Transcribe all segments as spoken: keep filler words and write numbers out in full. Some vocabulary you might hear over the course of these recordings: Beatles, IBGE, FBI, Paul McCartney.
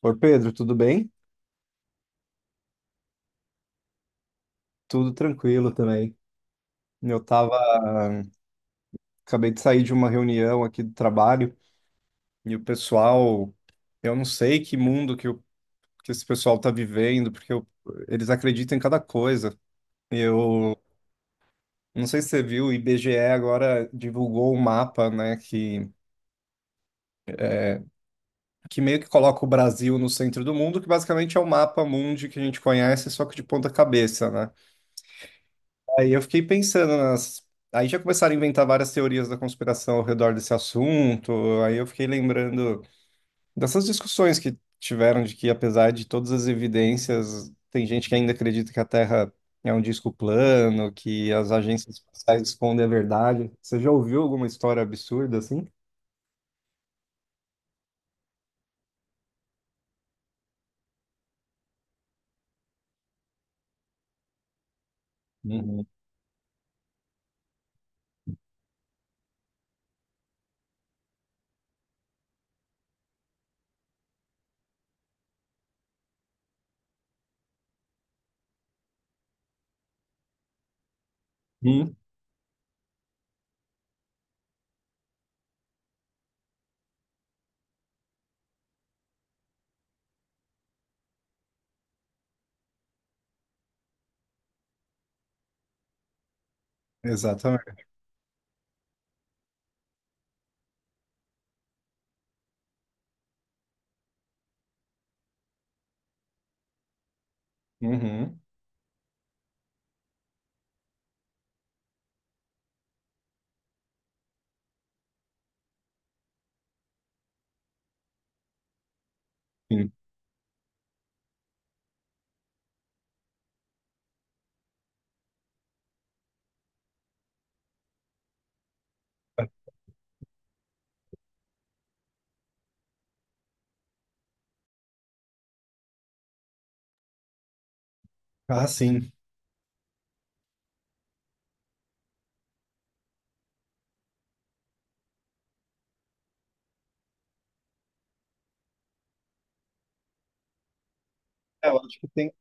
Ô Pedro, tudo bem? Tudo tranquilo também. Eu tava, Acabei de sair de uma reunião aqui do trabalho e o pessoal, eu não sei que mundo que, o que esse pessoal tá vivendo, porque eu- eles acreditam em cada coisa. Eu não sei se você viu, o I B G E agora divulgou um mapa, né, que, que meio que coloca o Brasil no centro do mundo, que basicamente é o mapa mundi que a gente conhece, só que de ponta cabeça, né? Aí eu fiquei pensando nas. Aí já começaram a inventar várias teorias da conspiração ao redor desse assunto. Aí eu fiquei lembrando dessas discussões que tiveram de que, apesar de todas as evidências, tem gente que ainda acredita que a Terra é um disco plano, que as agências espaciais escondem a verdade. Você já ouviu alguma história absurda assim? Uhum. Hum, Exatamente. Uhum. Sim. Ah, sim. É, eu acho que tem.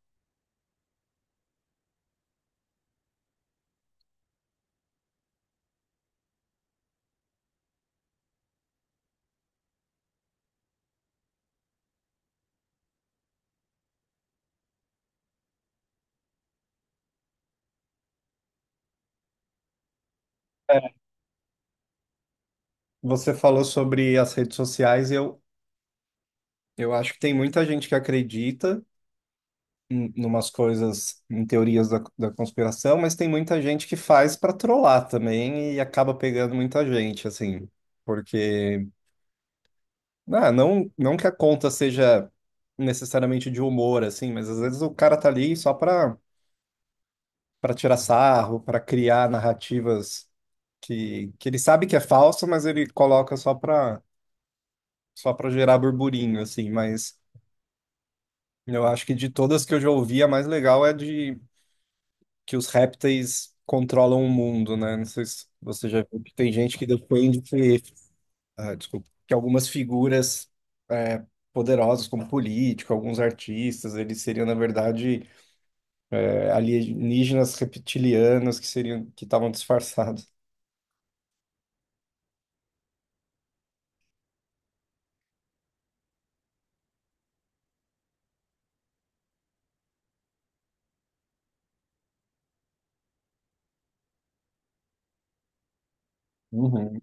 é, Você falou sobre as redes sociais e eu, eu acho que tem muita gente que acredita em umas coisas, em teorias da, da conspiração, mas tem muita gente que faz para trollar também e acaba pegando muita gente, assim, porque ah, não, não que a conta seja necessariamente de humor, assim, mas às vezes o cara tá ali só para para tirar sarro, para criar narrativas que, que ele sabe que é falso, mas ele coloca só para só para gerar burburinho, assim, mas eu acho que de todas que eu já ouvi, a mais legal é de que os répteis controlam o mundo, né? Não sei se você já viu que tem gente que defende que, ah, desculpa, que algumas figuras é, poderosas, como político, alguns artistas, eles seriam, na verdade, é, alienígenas reptilianos que seriam que estavam disfarçados. Uhum.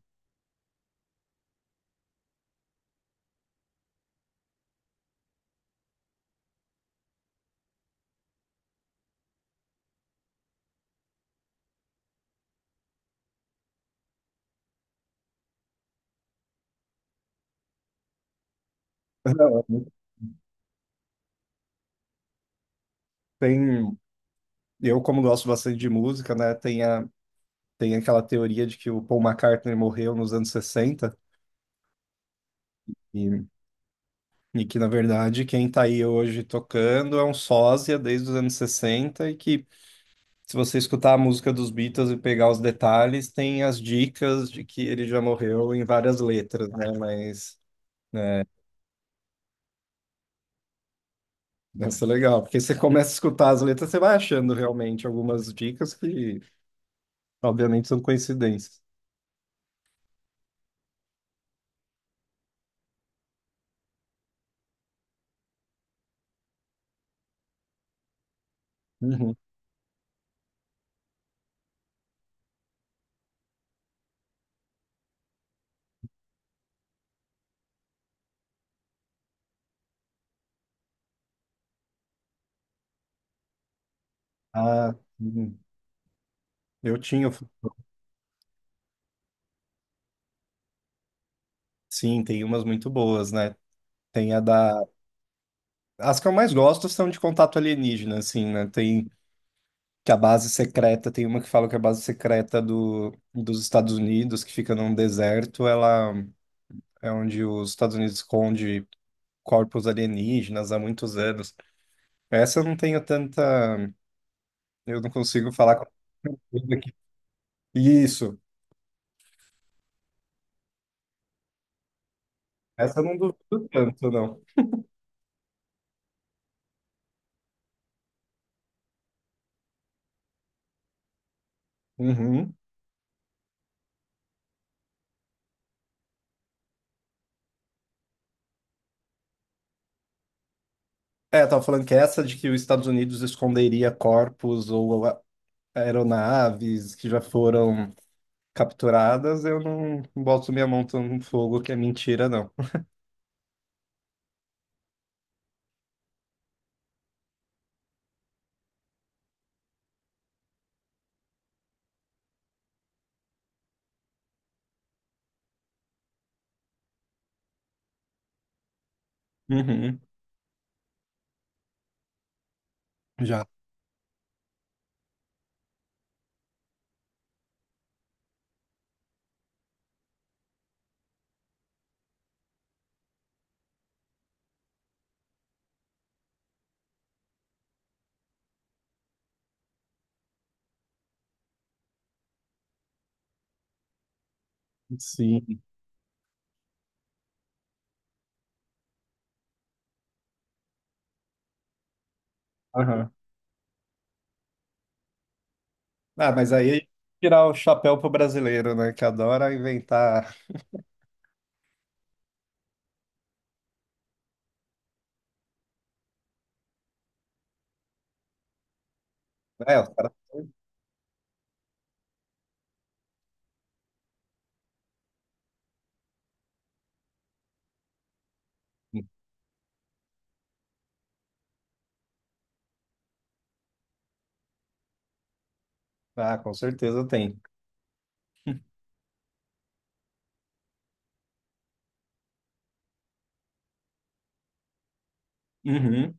Tem, eu como gosto bastante de música, né? Tem a, tem aquela teoria de que o Paul McCartney morreu nos anos sessenta. E que, na verdade, quem tá aí hoje tocando é um sósia desde os anos sessenta e que, se você escutar a música dos Beatles e pegar os detalhes, tem as dicas de que ele já morreu em várias letras, né? Mas isso é legal, porque você começa a escutar as letras, você vai achando realmente algumas dicas que, obviamente, são coincidências. Uhum. Ah, uhum. eu tinha, sim, tem umas muito boas, né? Tem a da. As que eu mais gosto são de contato alienígena, assim, né? Tem Que a base secreta, tem uma que fala que a base secreta do, dos Estados Unidos, que fica num deserto, ela é onde os Estados Unidos esconde corpos alienígenas há muitos anos. Essa eu não tenho tanta, Eu não consigo falar com tudo aqui. Isso, essa eu não duvido tanto, não. Uhum. É, eu tava falando que essa de que os Estados Unidos esconderia corpos ou a- aeronaves que já foram capturadas, eu não boto minha mão tão no fogo que é mentira, não. Uhum. Já. Sim. Aham. Ah, mas aí é tirar o chapéu pro brasileiro, né? Que adora inventar. É, os caras. Ah, com certeza tem. Uhum.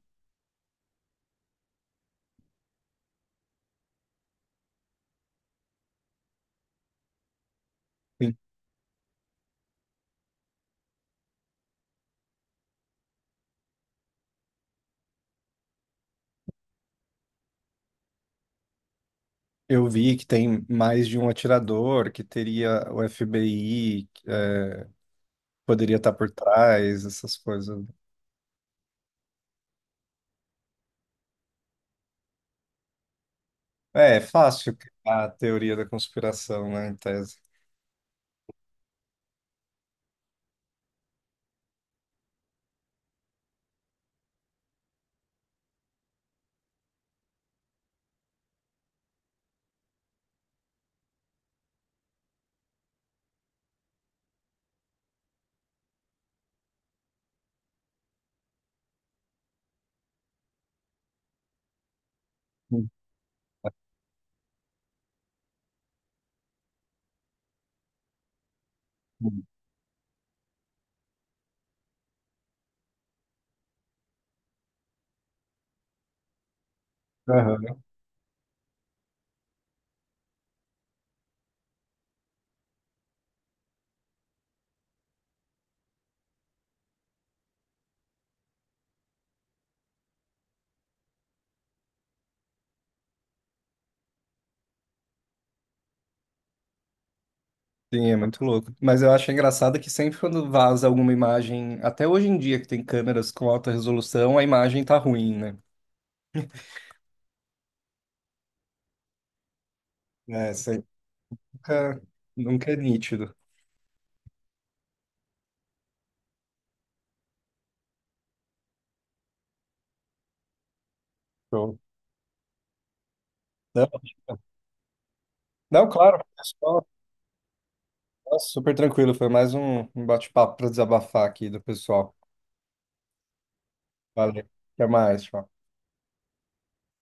Sim. Eu vi que tem mais de um atirador, que teria o F B I, que eh, poderia estar por trás, essas coisas. É, é fácil criar a teoria da conspiração, né, em tese. Uhum. Aham. Sim, é muito louco. Mas eu acho engraçado que sempre quando vaza alguma imagem, até hoje em dia que tem câmeras com alta resolução, a imagem tá ruim, né? É, isso aí nunca, nunca é nítido. Show. Não, não, claro, pessoal, nossa, super tranquilo. Foi mais um um bate-papo para desabafar aqui do pessoal. Valeu. Até mais, tchau.